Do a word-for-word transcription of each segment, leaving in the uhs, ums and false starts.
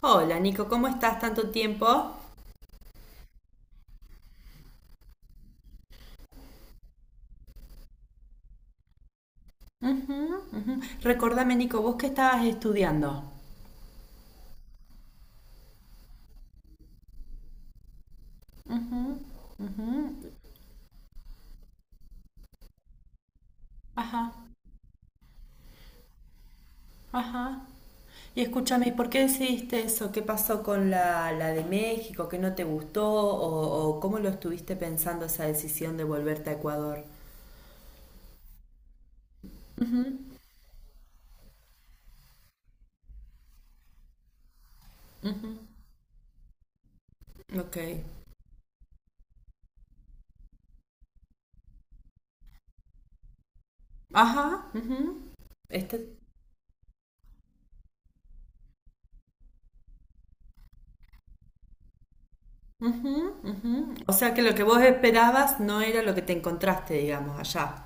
Hola Nico, ¿cómo estás? ¿Tanto tiempo? Ujú, ujú. Recordame Nico, ¿vos qué estabas estudiando? Ajá, ajá. Y escúchame, ¿y por qué decidiste eso? ¿Qué pasó con la, la de México? ¿Qué no te gustó? ¿O, o cómo lo estuviste pensando esa decisión de volverte a Ecuador? Ok. Ajá. Ujú. Este, o sea que lo que vos esperabas no era lo que te encontraste, digamos, allá.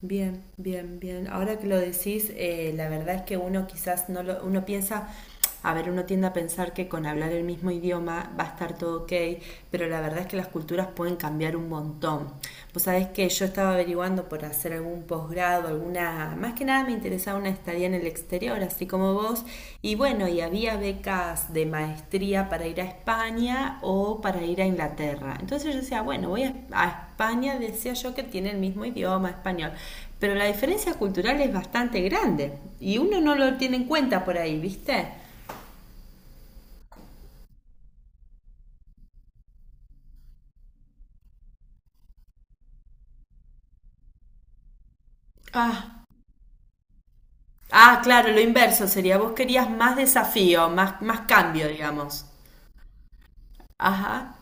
Bien, bien, bien. Ahora que lo decís, eh, la verdad es que uno quizás no lo, uno piensa, a ver, uno tiende a pensar que con hablar el mismo idioma va a estar todo ok, pero la verdad es que las culturas pueden cambiar un montón. Vos sabés que yo estaba averiguando por hacer algún posgrado, alguna, más que nada me interesaba una estaría en el exterior, así como vos. Y bueno, y había becas de maestría para ir a España o para ir a Inglaterra. Entonces yo decía, bueno, voy a, a España, decía yo que tiene el mismo idioma español, pero la diferencia cultural es bastante grande y uno no lo tiene en cuenta por ahí, ¿viste? Ah. Ah, claro, lo inverso sería, vos querías más desafío, más, más cambio, digamos. Ajá.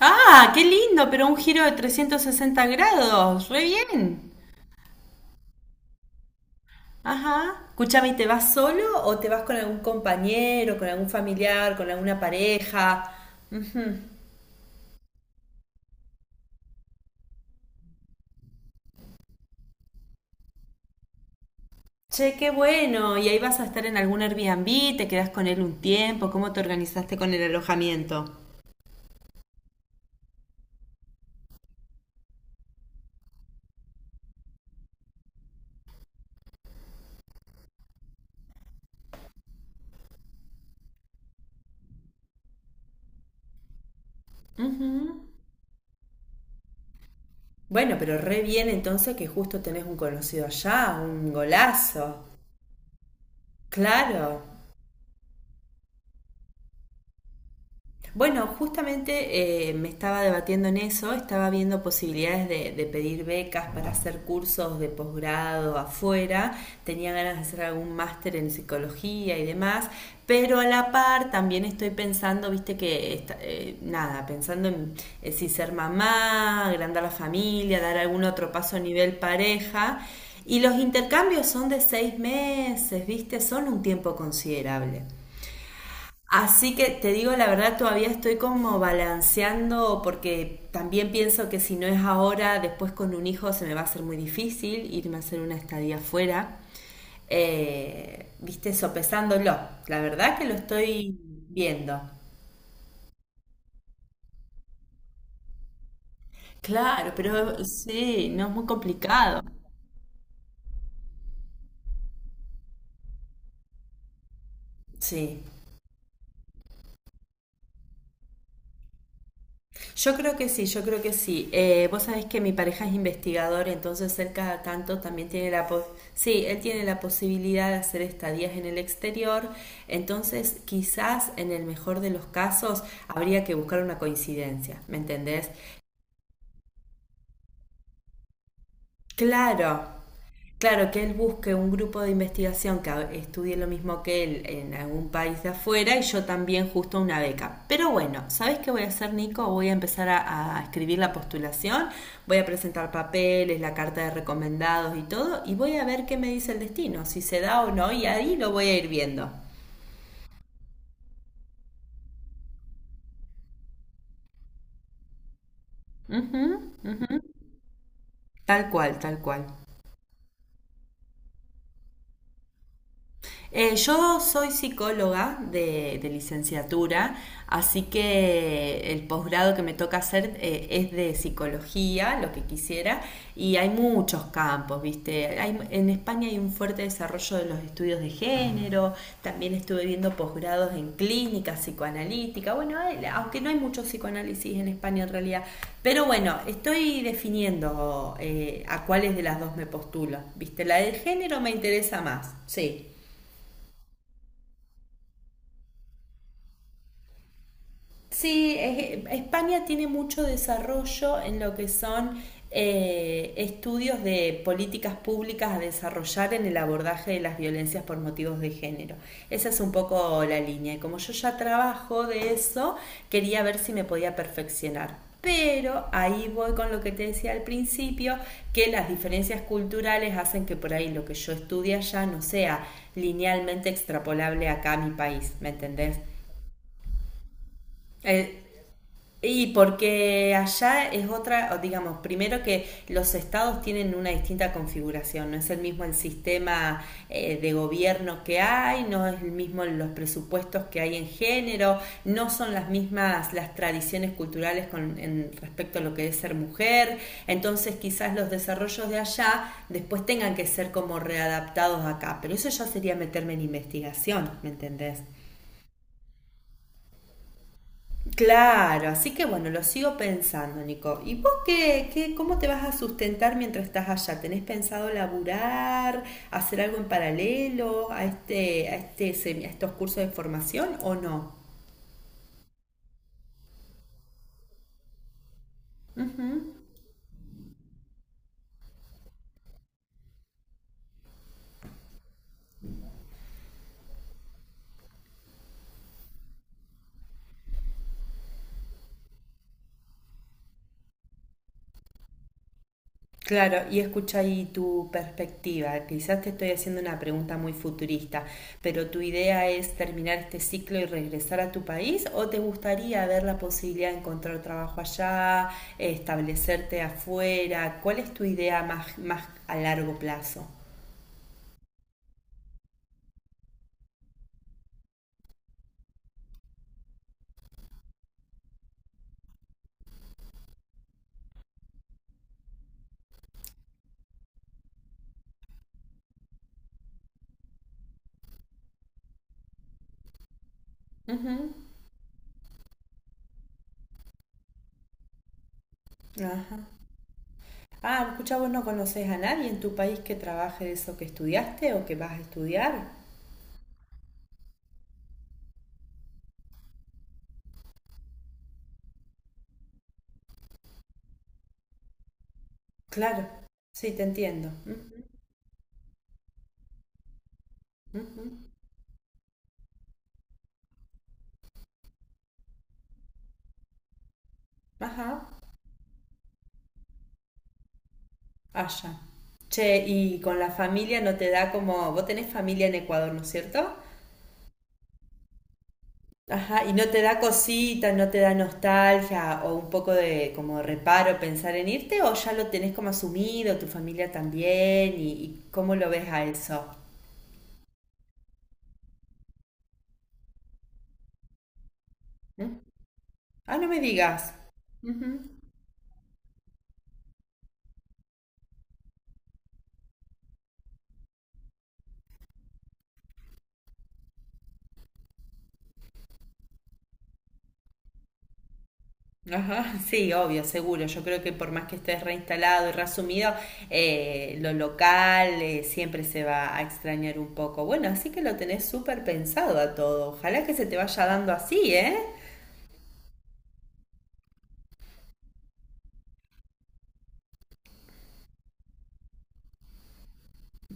Ah, qué lindo, pero un giro de trescientos sesenta grados, re bien. Ajá. Escúchame, ¿y te vas solo o te vas con algún compañero, con algún familiar, con alguna pareja? Che, qué bueno. ¿Y ahí vas a estar en algún Airbnb? ¿Te quedas con él un tiempo? ¿Cómo te organizaste con el alojamiento? Bueno, pero re bien entonces que justo tenés un conocido allá, un golazo. Claro. Bueno, justamente eh, me estaba debatiendo en eso, estaba viendo posibilidades de, de pedir becas para hacer cursos de posgrado afuera, tenía ganas de hacer algún máster en psicología y demás, pero a la par también estoy pensando, viste que, esta- eh, nada, pensando en eh, si ser mamá, agrandar la familia, dar algún otro paso a nivel pareja, y los intercambios son de seis meses, viste, son un tiempo considerable. Así que te digo la verdad, todavía estoy como balanceando porque también pienso que si no es ahora, después con un hijo se me va a hacer muy difícil irme a hacer una estadía afuera. Eh, viste, sopesándolo. La verdad que lo estoy viendo. Claro, pero sí, no es muy complicado. Sí. Yo creo que sí, yo creo que sí. Eh, vos sabés que mi pareja es investigador, entonces él cada tanto también tiene la pos- sí, él tiene la posibilidad de hacer estadías en el exterior, entonces quizás en el mejor de los casos habría que buscar una coincidencia, ¿me entendés? Claro, Claro, que él busque un grupo de investigación que estudie lo mismo que él en algún país de afuera y yo también justo una beca. Pero bueno, ¿sabes qué voy a hacer, Nico? Voy a empezar a, a escribir la postulación, voy a presentar papeles, la carta de recomendados y todo, y voy a ver qué me dice el destino, si se da o no, y ahí lo voy a ir viendo. Ujú. Tal cual, tal cual. Eh, yo soy psicóloga de, de licenciatura, así que el posgrado que me toca hacer eh, es de psicología, lo que quisiera, y hay muchos campos, ¿viste? Hay- en España hay un fuerte desarrollo de los estudios de género, también estuve viendo posgrados en clínica psicoanalítica, bueno, hay- aunque no hay mucho psicoanálisis en España en realidad, pero bueno, estoy definiendo eh, a cuáles de las dos me postulo, ¿viste? La del género me interesa más, sí. Sí, es- España tiene mucho desarrollo en lo que son eh, estudios de políticas públicas a desarrollar en el abordaje de las violencias por motivos de género. Esa es un poco la línea. Y como yo ya trabajo de eso, quería ver si me podía perfeccionar. Pero ahí voy con lo que te decía al principio, que las diferencias culturales hacen que por ahí lo que yo estudie allá no sea linealmente extrapolable acá a mi país, ¿me entendés? Eh, y porque allá es otra, digamos, primero que los estados tienen una distinta configuración, no es el mismo el sistema eh, de gobierno que hay, no es el mismo los presupuestos que hay en género, no son las mismas las tradiciones culturales con, en, respecto a lo que es ser mujer, entonces quizás los desarrollos de allá después tengan que ser como readaptados acá, pero eso ya sería meterme en investigación, ¿me entendés? Claro, así que bueno, lo sigo pensando, Nico. ¿Y vos qué, qué, cómo te vas a sustentar mientras estás allá? ¿Tenés pensado laburar, hacer algo en paralelo a este, a este, semi- a estos cursos de formación o no? Claro, y escucha ahí tu perspectiva. Quizás te estoy haciendo una pregunta muy futurista, pero ¿tu idea es terminar este ciclo y regresar a tu país o te gustaría ver la posibilidad de encontrar trabajo allá, establecerte afuera? ¿Cuál es tu idea más, más a largo plazo? Ujú. Ajá. Ah, escucha, vos no conoces a nadie en tu país que trabaje de eso que estudiaste o que vas a estudiar. Claro, sí, te entiendo. Ujú, ujú. Ajá. Allá. Che, y con la familia no te da como, vos tenés familia en Ecuador, ¿no es cierto? Ajá, y no te da cosita, no te da nostalgia o un poco de como reparo pensar en irte o ya lo tenés como asumido, tu familia también y, y cómo lo ves a eso. ¿Mm? Ah, no me digas. Ajá, sí, obvio, seguro. Yo creo que por más que estés reinstalado y reasumido, eh, lo local eh, siempre se va a extrañar un poco. Bueno, así que lo tenés súper pensado a todo. Ojalá que se te vaya dando así, ¿eh?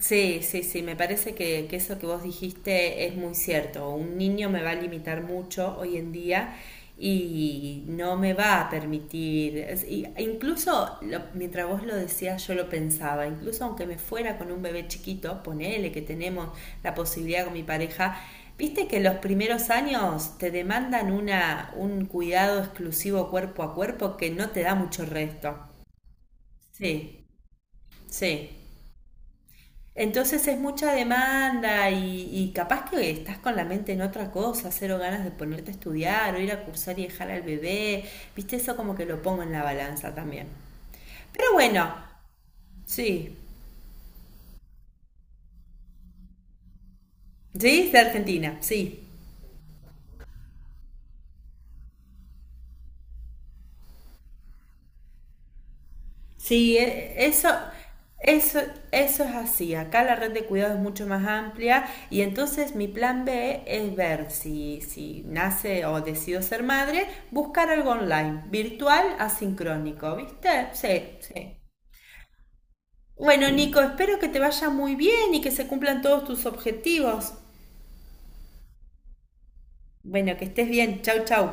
Sí, sí, sí, me parece que, que eso que vos dijiste es muy cierto. Un niño me va a limitar mucho hoy en día y no me va a permitir, es- y- incluso lo- mientras vos lo decías yo lo pensaba, incluso aunque me fuera con un bebé chiquito, ponele que tenemos la posibilidad con mi pareja, viste que los primeros años te demandan una, un cuidado exclusivo cuerpo a cuerpo que no te da mucho resto. Sí, sí. Entonces es mucha demanda y, y capaz que estás con la mente en otra cosa, cero ganas de ponerte a estudiar o ir a cursar y dejar al bebé. Viste, eso como que lo pongo en la balanza también. Pero bueno, sí, sí, de Argentina, sí. Sí, e- eso, eso, eso es así. Acá la red de cuidado es mucho más amplia y entonces mi plan B es ver si, si, nace o decido ser madre, buscar algo online, virtual, asincrónico, ¿viste? Sí, sí. Bueno, Nico, espero que te vaya muy bien y que se cumplan todos tus objetivos. Bueno, que estés bien. Chau, chau.